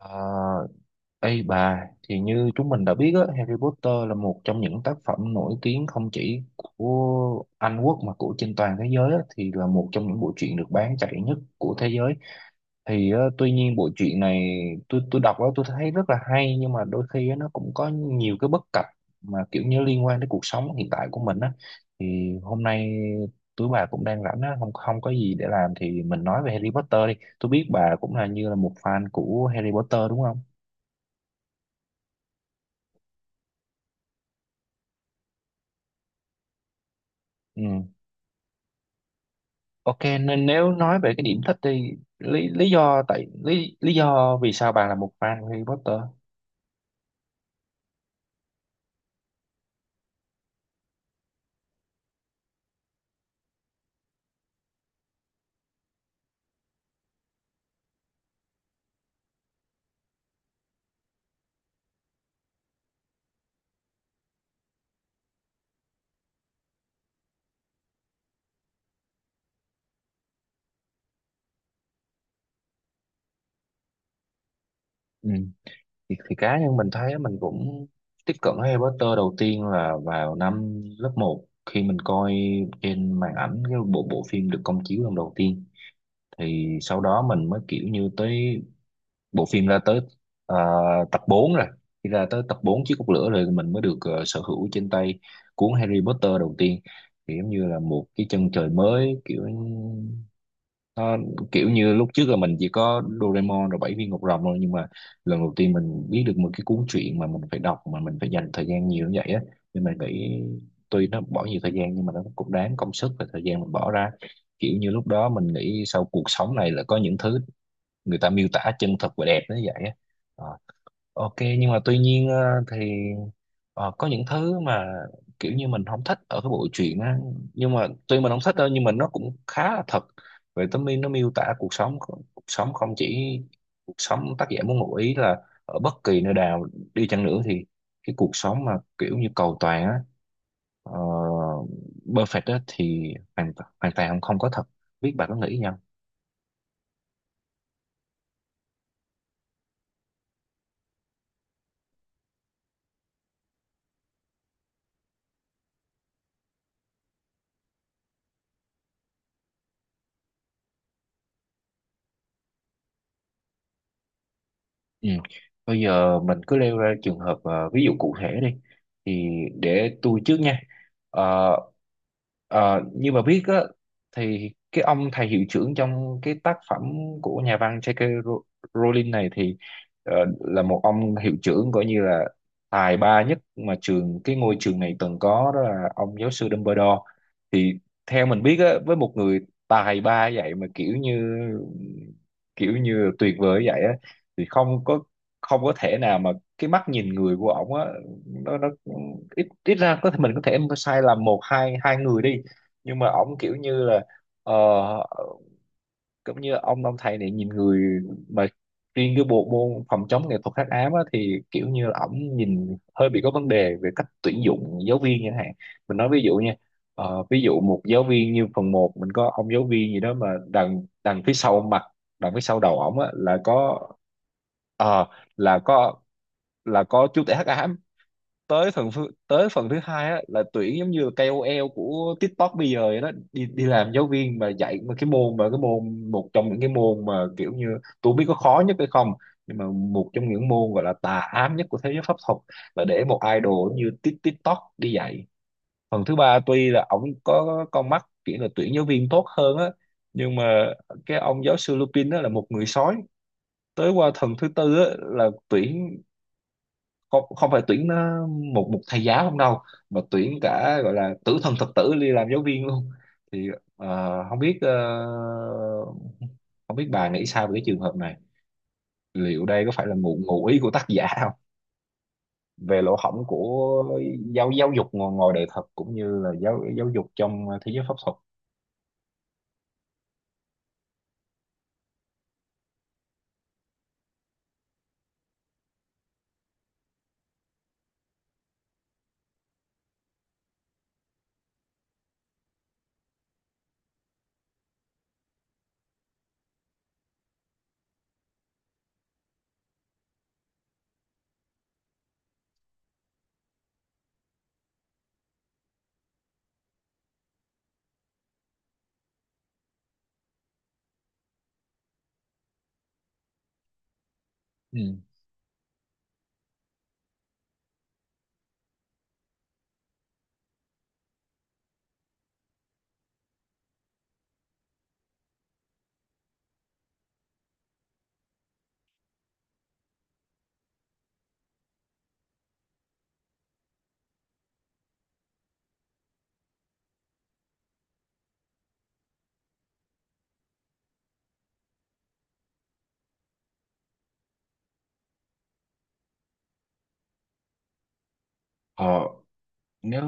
À, ê bà, thì như chúng mình đã biết á, Harry Potter là một trong những tác phẩm nổi tiếng không chỉ của Anh Quốc mà của trên toàn thế giới á, thì là một trong những bộ truyện được bán chạy nhất của thế giới. Thì tuy nhiên bộ truyện này tôi đọc á tôi thấy rất là hay nhưng mà đôi khi á, nó cũng có nhiều cái bất cập mà kiểu như liên quan đến cuộc sống hiện tại của mình á. Thì hôm nay tụi bà cũng đang rảnh á, không không có gì để làm thì mình nói về Harry Potter đi. Tôi biết bà cũng là như là một fan của Harry Potter đúng không? Ừ. Ok, nên nếu nói về cái điểm thích đi, lý lý do tại lý lý do vì sao bạn là một fan của Harry Potter. Ừ, thì cá nhân mình thấy mình cũng tiếp cận Harry Potter đầu tiên là vào năm lớp một khi mình coi trên màn ảnh cái bộ bộ phim được công chiếu lần đầu tiên, thì sau đó mình mới kiểu như tới bộ phim ra tới ờ, tập 4 rồi. Khi ra tới tập 4 chiếc cốc lửa rồi mình mới được sở hữu trên tay cuốn Harry Potter đầu tiên, thì giống như là một cái chân trời mới, kiểu nó kiểu như lúc trước là mình chỉ có Doraemon rồi bảy viên ngọc rồng thôi, nhưng mà lần đầu tiên mình biết được một cái cuốn truyện mà mình phải đọc mà mình phải dành thời gian nhiều như vậy á, nên mình nghĩ tuy nó bỏ nhiều thời gian nhưng mà nó cũng đáng công sức và thời gian mình bỏ ra. Kiểu như lúc đó mình nghĩ sau cuộc sống này là có những thứ người ta miêu tả chân thật và đẹp nó như vậy á. Ờ, ok, nhưng mà tuy nhiên thì có những thứ mà kiểu như mình không thích ở cái bộ truyện á, nhưng mà tuy mình không thích đâu nhưng mà nó cũng khá là thật. Về tấm nó miêu tả cuộc sống, cuộc sống không chỉ cuộc sống tác giả muốn ngụ ý là ở bất kỳ nơi nào đi chăng nữa thì cái cuộc sống mà kiểu như cầu toàn á, uh, perfect á thì hoàn hoàn toàn không có thật. Biết bà có nghĩ gì. Ừ. Bây giờ mình cứ nêu ra trường hợp ví dụ cụ thể đi, thì để tôi trước nha. Ờ, như mà biết á, thì cái ông thầy hiệu trưởng trong cái tác phẩm của nhà văn J.K. Row- Rowling này thì ờ, là một ông hiệu trưởng coi như là tài ba nhất mà trường cái ngôi trường này từng có, đó là ông giáo sư Dumbledore. Thì theo mình biết á, với một người tài ba vậy mà kiểu như, kiểu như tuyệt vời vậy á, thì không có, không có thể nào mà cái mắt nhìn người của ổng á, nó ít ít ra có thể mình có thể sai lầm một hai hai người đi, nhưng mà ổng kiểu như là ờ, cũng như ông thầy này nhìn người mà riêng cái bộ môn phòng chống nghệ thuật hắc ám á, thì kiểu như là ổng nhìn hơi bị có vấn đề về cách tuyển dụng giáo viên chẳng hạn. Mình nói ví dụ nha, ví dụ một giáo viên như phần một mình có ông giáo viên gì đó mà đằng đằng phía sau mặt, đằng phía sau đầu ổng á là có ờ là có, là có chú tể hắc ám. Tới tới phần thứ hai á là tuyển giống như KOL của TikTok bây giờ vậy đó, đi đi làm giáo viên mà dạy mà cái môn một trong những cái môn mà kiểu như tôi không biết có khó nhất hay không, nhưng mà một trong những môn gọi là tà ám nhất của thế giới pháp thuật là để một idol như TikTok đi dạy. Phần thứ ba tuy là ổng có con mắt kiểu là tuyển giáo viên tốt hơn á, nhưng mà cái ông giáo sư Lupin đó là một người sói. Tới qua thần thứ tư á, là tuyển, không không phải tuyển nó một một thầy giáo không đâu, mà tuyển cả gọi là tử thần thực tử đi làm giáo viên luôn. Thì không biết không biết bà nghĩ sao về cái trường hợp này, liệu đây có phải là ngụ ngụ ý của tác giả không, về lỗ hổng của giáo giáo dục ngoài, ngoài đời thật cũng như là giáo giáo dục trong thế giới pháp thuật. Ừ. Ờ, nếu,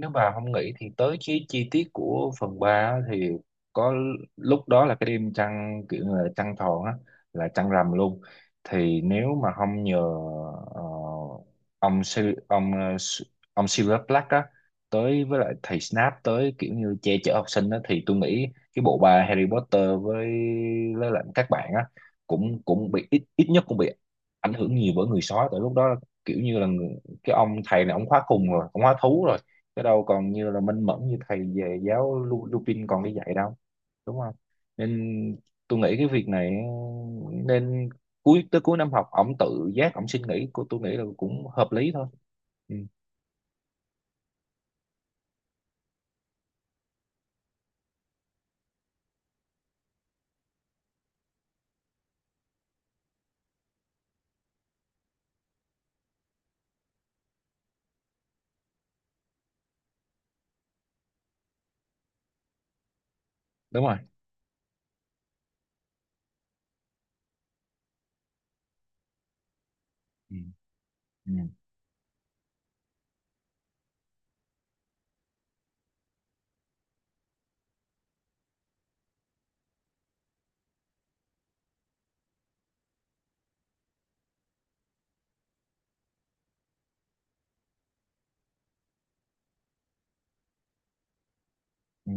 nếu bà không nghĩ thì tới chi chi tiết của phần 3 thì có, lúc đó là cái đêm trăng kiểu như là trăng tròn á, là trăng rằm luôn. Thì nếu mà không nhờ ờ, ông Si- ông ông Silver Black á tới với lại thầy Snape tới kiểu như che chở học sinh á, thì tôi nghĩ cái bộ ba Harry Potter với lại các bạn á cũng, cũng bị, ít ít nhất cũng bị ảnh hưởng nhiều bởi người sói. Tại lúc đó kiểu như là cái ông thầy này ông khóa khùng rồi ông khóa thú rồi, cái đâu còn như là minh mẫn như thầy về giáo Lupin còn đi dạy đâu, đúng không. Nên tôi nghĩ cái việc này nên cuối, tới cuối năm học ổng tự giác ổng xin nghỉ cô, tôi nghĩ là cũng hợp lý thôi. Ừ, đúng rồi. Ừ, ừ, ừ.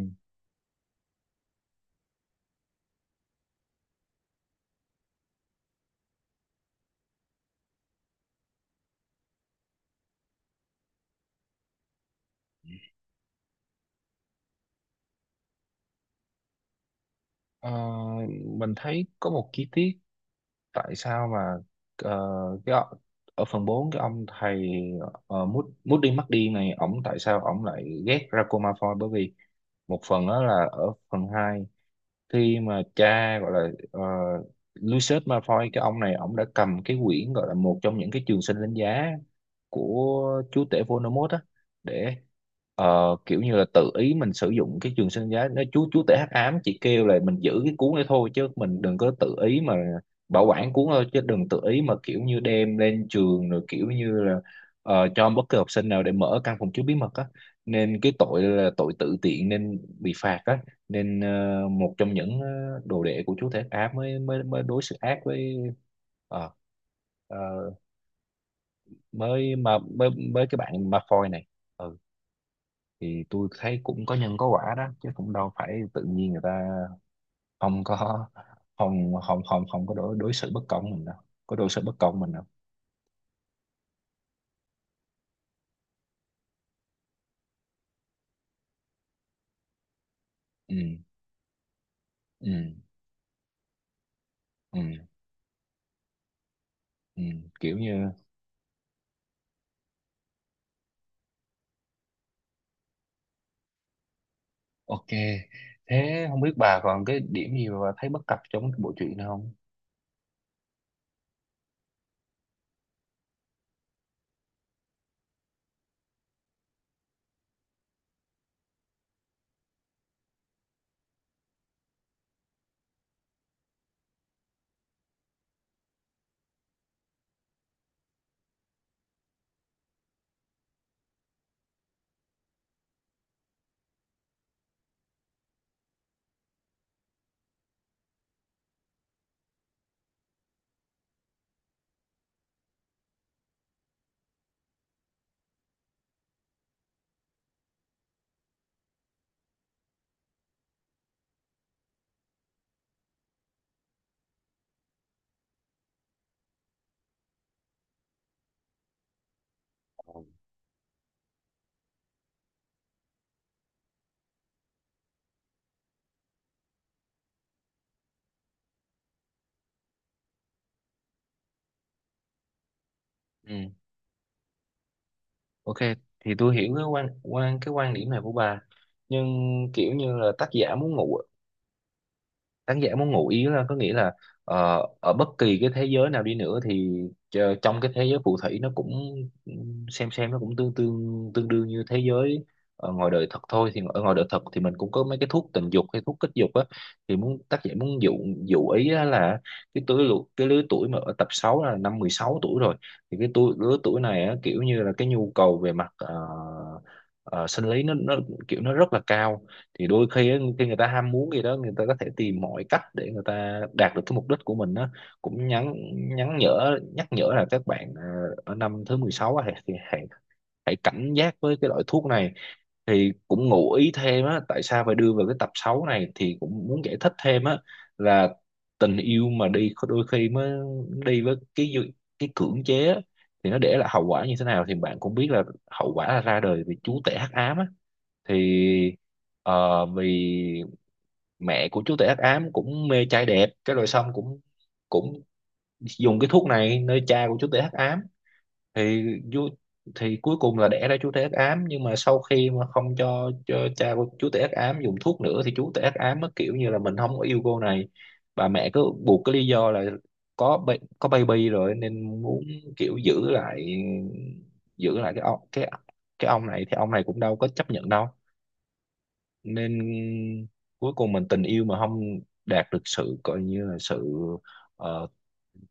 Ờ, mình thấy có một chi tiết tại sao mà ờ, cái ọ- ở phần 4 cái ông thầy Moody Moody McD này, ổng tại sao ổng lại ghét Draco Malfoy? Bởi vì một phần đó là ở phần 2 khi mà cha gọi là Lucius Malfoy, cái ông này ông đã cầm cái quyển gọi là một trong những cái trường sinh đánh giá của chúa tể Voldemort á, để kiểu như là tự ý mình sử dụng cái trường sinh giá. Nó chú tể hắc ám chỉ kêu là mình giữ cái cuốn đấy thôi chứ mình đừng có tự ý mà bảo quản cuốn thôi, chứ đừng tự ý mà kiểu như đem lên trường rồi kiểu như là cho bất kỳ học sinh nào để mở căn phòng chứa bí mật á, nên cái tội là tội tự tiện nên bị phạt á. Nên một trong những đồ đệ của chúa Thể Á mới mới mới đối xử ác với ờ, ờ, mới mà mới mới cái bạn Malfoy này. Ừ, thì tôi thấy cũng có nhân có quả đó chứ, cũng đâu phải tự nhiên người ta không có, không không có đối đối xử bất công mình đâu, có đối xử bất công mình đâu. Ừ, ừ, ừ, ừ, kiểu như ok. Thế không biết bà còn cái điểm gì mà bà thấy bất cập trong cái bộ truyện này không. Ừ. Ok, thì tôi hiểu cái quan quan cái quan điểm này của bà. Nhưng kiểu như là tác giả muốn ngụ, khán giả muốn ngụ ý là có nghĩa là ở bất kỳ cái thế giới nào đi nữa thì trong cái thế giới phù thủy nó cũng xem nó cũng tương tương tương đương như thế giới ở ngoài đời thật thôi. Thì ở ngoài đời thật thì mình cũng có mấy cái thuốc tình dục hay thuốc kích dục á, thì muốn tác giả muốn dụ, ý á là cái lứa tuổi mà ở tập 6 là năm 16 tuổi rồi, thì cái tuổi, lứa tuổi này á, kiểu như là cái nhu cầu về mặt ờ, sinh lý nó kiểu nó rất là cao. Thì đôi khi á, khi người ta ham muốn gì đó người ta có thể tìm mọi cách để người ta đạt được cái mục đích của mình đó, cũng nhắn, nhắn nhở nhắc nhở là các bạn ở năm thứ 16 á, hãy, thì hãy hãy cảnh giác với cái loại thuốc này. Thì cũng ngụ ý thêm á, tại sao phải đưa vào cái tập 6 này thì cũng muốn giải thích thêm á là tình yêu mà đi có đôi khi mới đi với cái cưỡng chế á, thì nó để lại hậu quả như thế nào thì bạn cũng biết là hậu quả là ra đời vì chú tể hắc ám á. Thì vì mẹ của chú tể hắc ám cũng mê trai đẹp, cái rồi xong cũng, cũng dùng cái thuốc này nơi cha của chú tể hắc ám. Thì vua- thì cuối cùng là đẻ ra chú tể hắc ám, nhưng mà sau khi mà không cho, cho cha của chú tể hắc ám dùng thuốc nữa thì chú tể hắc ám nó kiểu như là mình không có yêu cô này. Bà mẹ cứ buộc cái lý do là có có baby rồi nên muốn kiểu giữ lại, giữ lại cái ông này, thì ông này cũng đâu có chấp nhận đâu. Nên cuối cùng mình, tình yêu mà không đạt được sự coi như là sự ờ,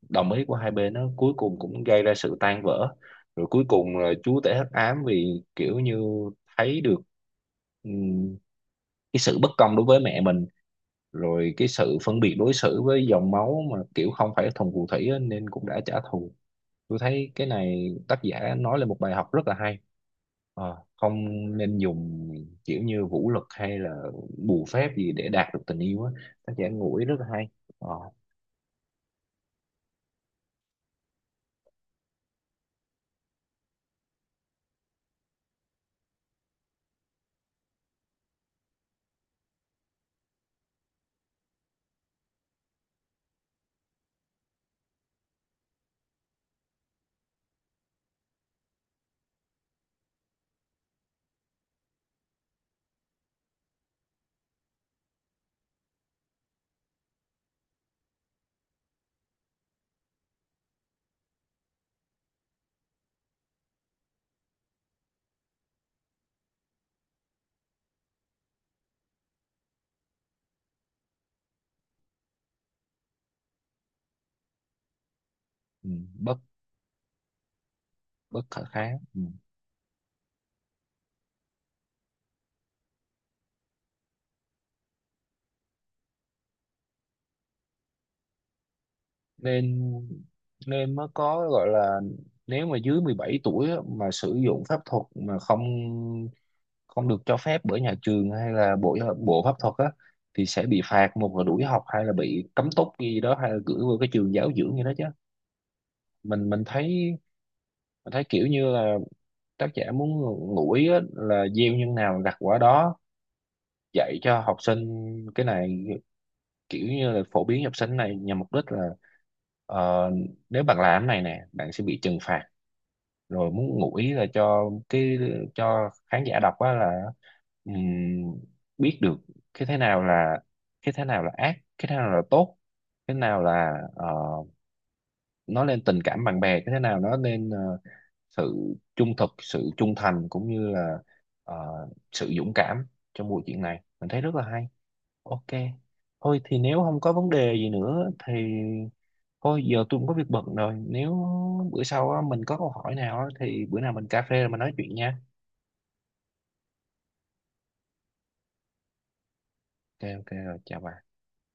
đồng ý của hai bên, nó cuối cùng cũng gây ra sự tan vỡ. Rồi cuối cùng là chúa tể hắc ám vì kiểu như thấy được ừm, cái sự bất công đối với mẹ mình, rồi cái sự phân biệt đối xử với dòng máu mà kiểu không phải thuần phù thủy á, nên cũng đã trả thù. Tôi thấy cái này tác giả nói lên một bài học rất là hay. Ờ, không nên dùng kiểu như vũ lực hay là bùa phép gì để đạt được tình yêu á, tác giả ngụ ý rất là hay. ờ, ừ, bất, bất khả kháng. Ừ. Nên, nên mới có gọi là nếu mà dưới 17 tuổi á, mà sử dụng pháp thuật mà không, không được cho phép bởi nhà trường hay là bộ bộ pháp thuật á, thì sẽ bị phạt, một là đuổi học hay là bị cấm túc gì đó, hay là gửi vào cái trường giáo dưỡng gì đó chứ. Mình thấy, mình thấy kiểu như là tác giả muốn ngủi á, là gieo nhân nào gặt quả đó. Dạy cho học sinh cái này kiểu như là phổ biến học sinh này nhằm mục đích là ờ, nếu bạn làm cái này nè bạn sẽ bị trừng phạt. Rồi muốn ngụ ý là cho cái, cho khán giả đọc á là ừm, biết được cái thế nào là, cái thế nào là ác, cái thế nào là tốt, cái nào là nó lên tình cảm bạn bè như thế nào, nó lên sự trung thực, sự trung thành cũng như là ờ, sự dũng cảm trong bộ chuyện này mình thấy rất là hay. Ok, thôi thì nếu không có vấn đề gì nữa thì thôi giờ tôi cũng có việc bận rồi. Nếu bữa sau á, mình có câu hỏi nào á, thì bữa nào mình cà phê rồi mình nói chuyện nha. Ok, ok rồi chào bạn.